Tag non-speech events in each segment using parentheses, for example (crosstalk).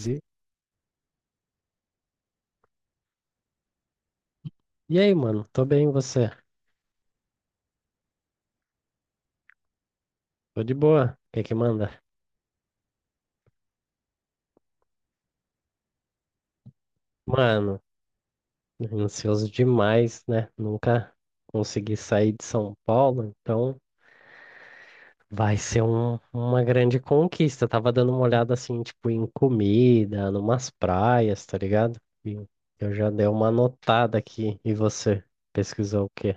E e aí, mano? Tô bem, e você? Tô de boa. O que que manda? Mano, ansioso demais, né? Nunca consegui sair de São Paulo, então vai ser uma grande conquista. Tava dando uma olhada assim, tipo, em comida, numas praias, tá ligado? E eu já dei uma anotada aqui. E você? Pesquisou o quê?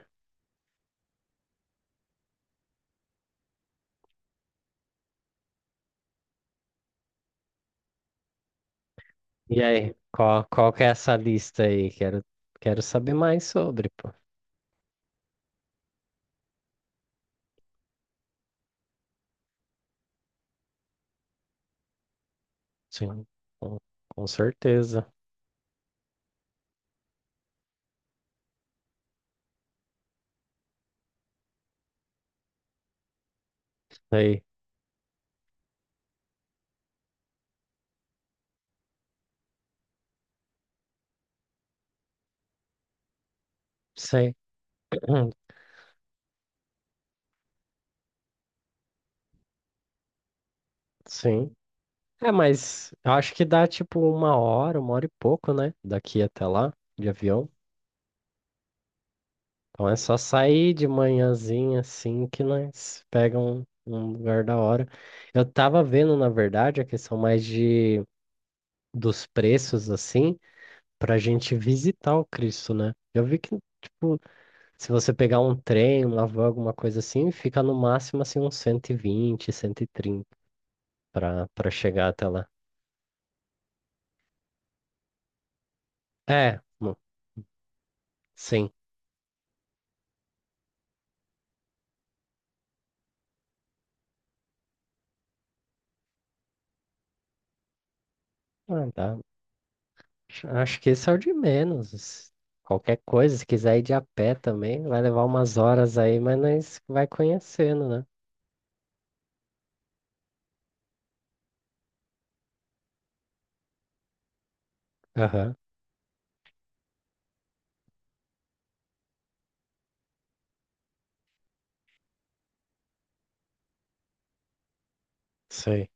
E aí, qual que é essa lista aí? Quero saber mais sobre, pô. Sim, com, com certeza. Aí, sei. (clears throat) Sim. É, mas eu acho que dá tipo uma hora e pouco, né? Daqui até lá, de avião. Então é só sair de manhãzinha assim que nós pegamos um lugar da hora. Eu tava vendo, na verdade, a questão mais de dos preços assim, pra gente visitar o Cristo, né? Eu vi que, tipo, se você pegar um trem, uma van, alguma coisa assim, fica no máximo assim uns 120, 130 pra chegar até lá. É, mo- sim. Ah, dá. Acho que esse é o de menos. Qualquer coisa, se quiser ir de a pé também, vai levar umas horas aí, mas nós vai conhecendo, né? Aham, sei.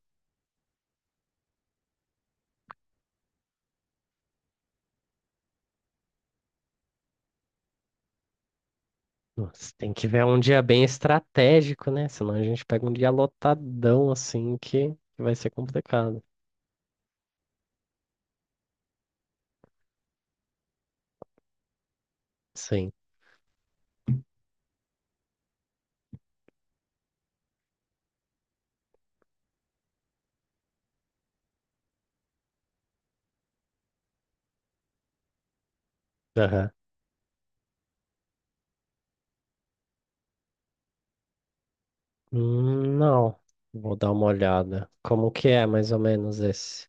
Nossa, tem que ver um dia bem estratégico, né? Senão a gente pega um dia lotadão assim que vai ser complicado. Sim. Aham. Não, vou dar uma olhada. Como que é mais ou menos esse?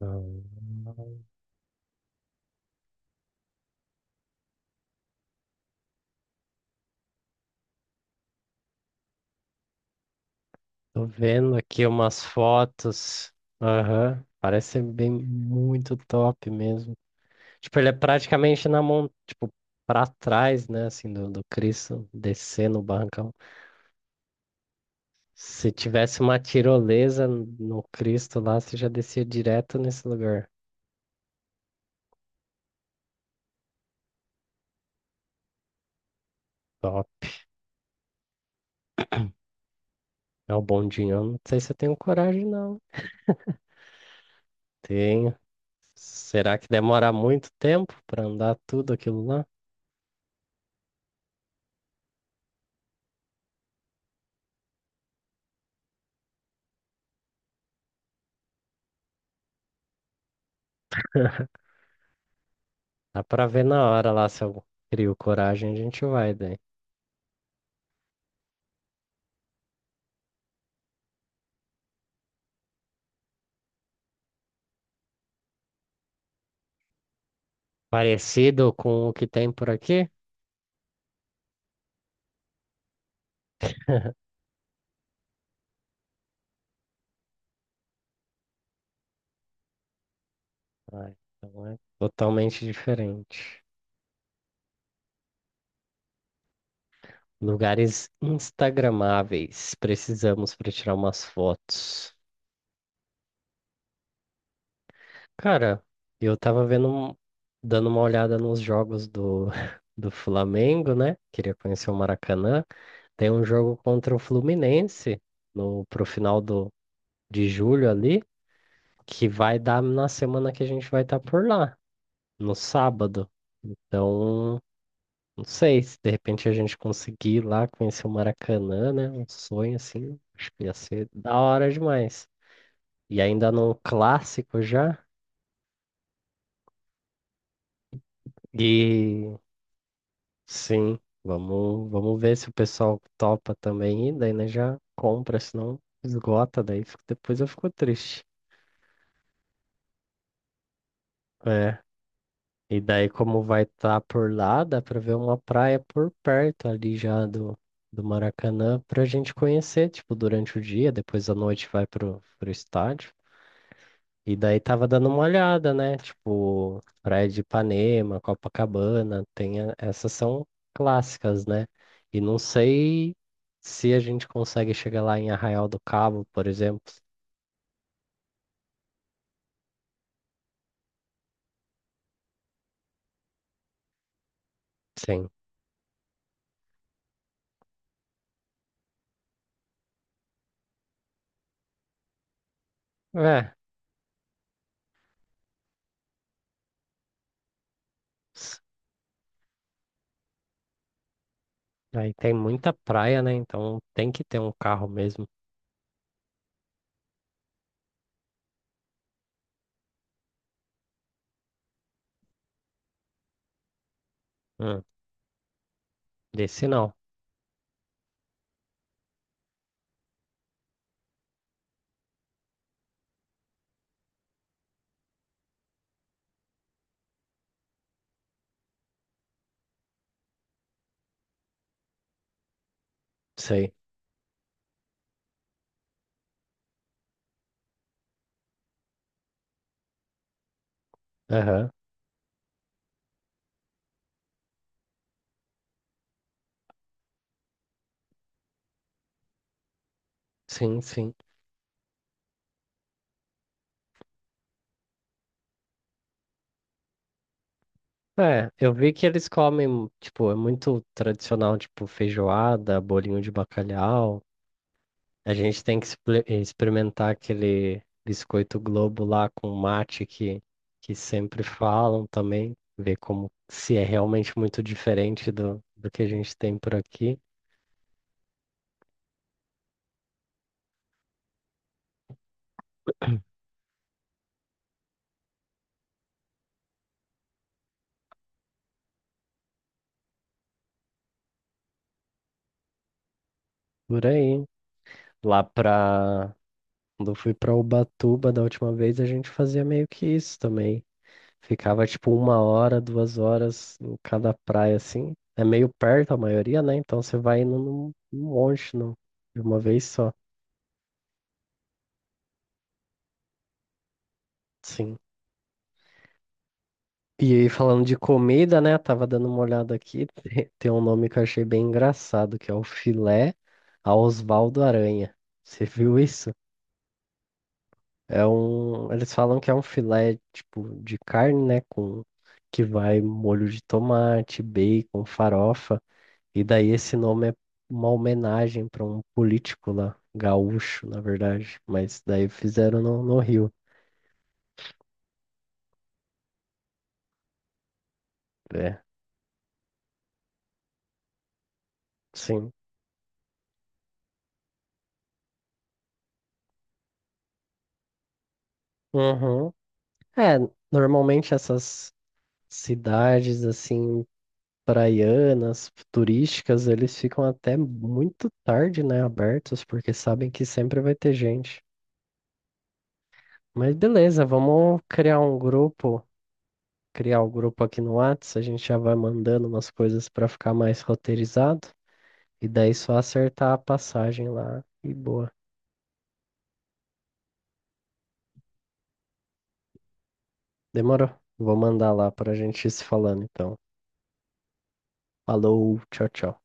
Hum, Tô vendo aqui umas fotos. Aham. Parece bem muito top mesmo. Tipo, ele é praticamente na mão, tipo, pra trás, né, assim, do Cristo, descer no barrancão. Se tivesse uma tirolesa no Cristo lá, você já descia direto nesse lugar. Top. É o bondinho. Eu não sei se eu tenho coragem, não. Tenho. Será que demora muito tempo pra andar tudo aquilo lá? Dá pra ver na hora lá se eu crio coragem, a gente vai daí. Parecido com o que tem por aqui? Ah, então é totalmente diferente. Lugares instagramáveis. Precisamos para tirar umas fotos. Cara, eu tava vendo, dando uma olhada nos jogos (laughs) do Flamengo, né? Queria conhecer o Maracanã. Tem um jogo contra o Fluminense no, pro final de julho ali, que vai dar na semana que a gente vai estar por lá, no sábado. Então, não sei se de repente a gente conseguir ir lá conhecer o Maracanã, né? Um sonho assim, acho que ia ser da hora demais. E ainda num clássico já. E sim, vamos ver se o pessoal topa também. E daí, né, já compra, senão esgota. Daí depois eu fico triste. É. E daí, como vai estar por lá, dá pra ver uma praia por perto ali já do Maracanã pra gente conhecer, tipo, durante o dia. Depois à noite vai pro estádio. E daí tava dando uma olhada, né? Tipo, Praia de Ipanema, Copacabana, essas são clássicas, né? E não sei se a gente consegue chegar lá em Arraial do Cabo, por exemplo. Sim. É. s- Aí tem muita praia, né? Então tem que ter um carro mesmo. Hum, desse não. Sei. Aham. Sim, sim. É, eu vi que eles comem, tipo, é muito tradicional, tipo, feijoada, bolinho de bacalhau. A gente tem que experimentar aquele biscoito Globo lá com mate que sempre falam também, ver como se é realmente muito diferente do que a gente tem por aqui. Por aí, lá pra. Quando eu fui pra Ubatuba da última vez, a gente fazia meio que isso também. Ficava tipo uma hora, 2 horas em cada praia, assim. É meio perto a maioria, né? Então você vai indo num monte, de uma vez só. Sim. E aí, falando de comida, né? Tava dando uma olhada aqui. (laughs) Tem um nome que eu achei bem engraçado, que é o filé a Osvaldo Aranha. Você viu isso? É um. Eles falam que é um filé, tipo, de carne, né? Com que vai molho de tomate, bacon, farofa. E daí esse nome é uma homenagem para um político lá, gaúcho, na verdade. Mas daí fizeram no Rio. É, sim. Uhum. É, normalmente essas cidades assim praianas, turísticas, eles ficam até muito tarde, né, abertos, porque sabem que sempre vai ter gente. Mas beleza, vamos criar um grupo, criar o grupo aqui no Whats, a gente já vai mandando umas coisas para ficar mais roteirizado e daí só acertar a passagem lá e boa. Demorou. Vou mandar lá pra gente ir se falando, então. Falou, tchau, tchau.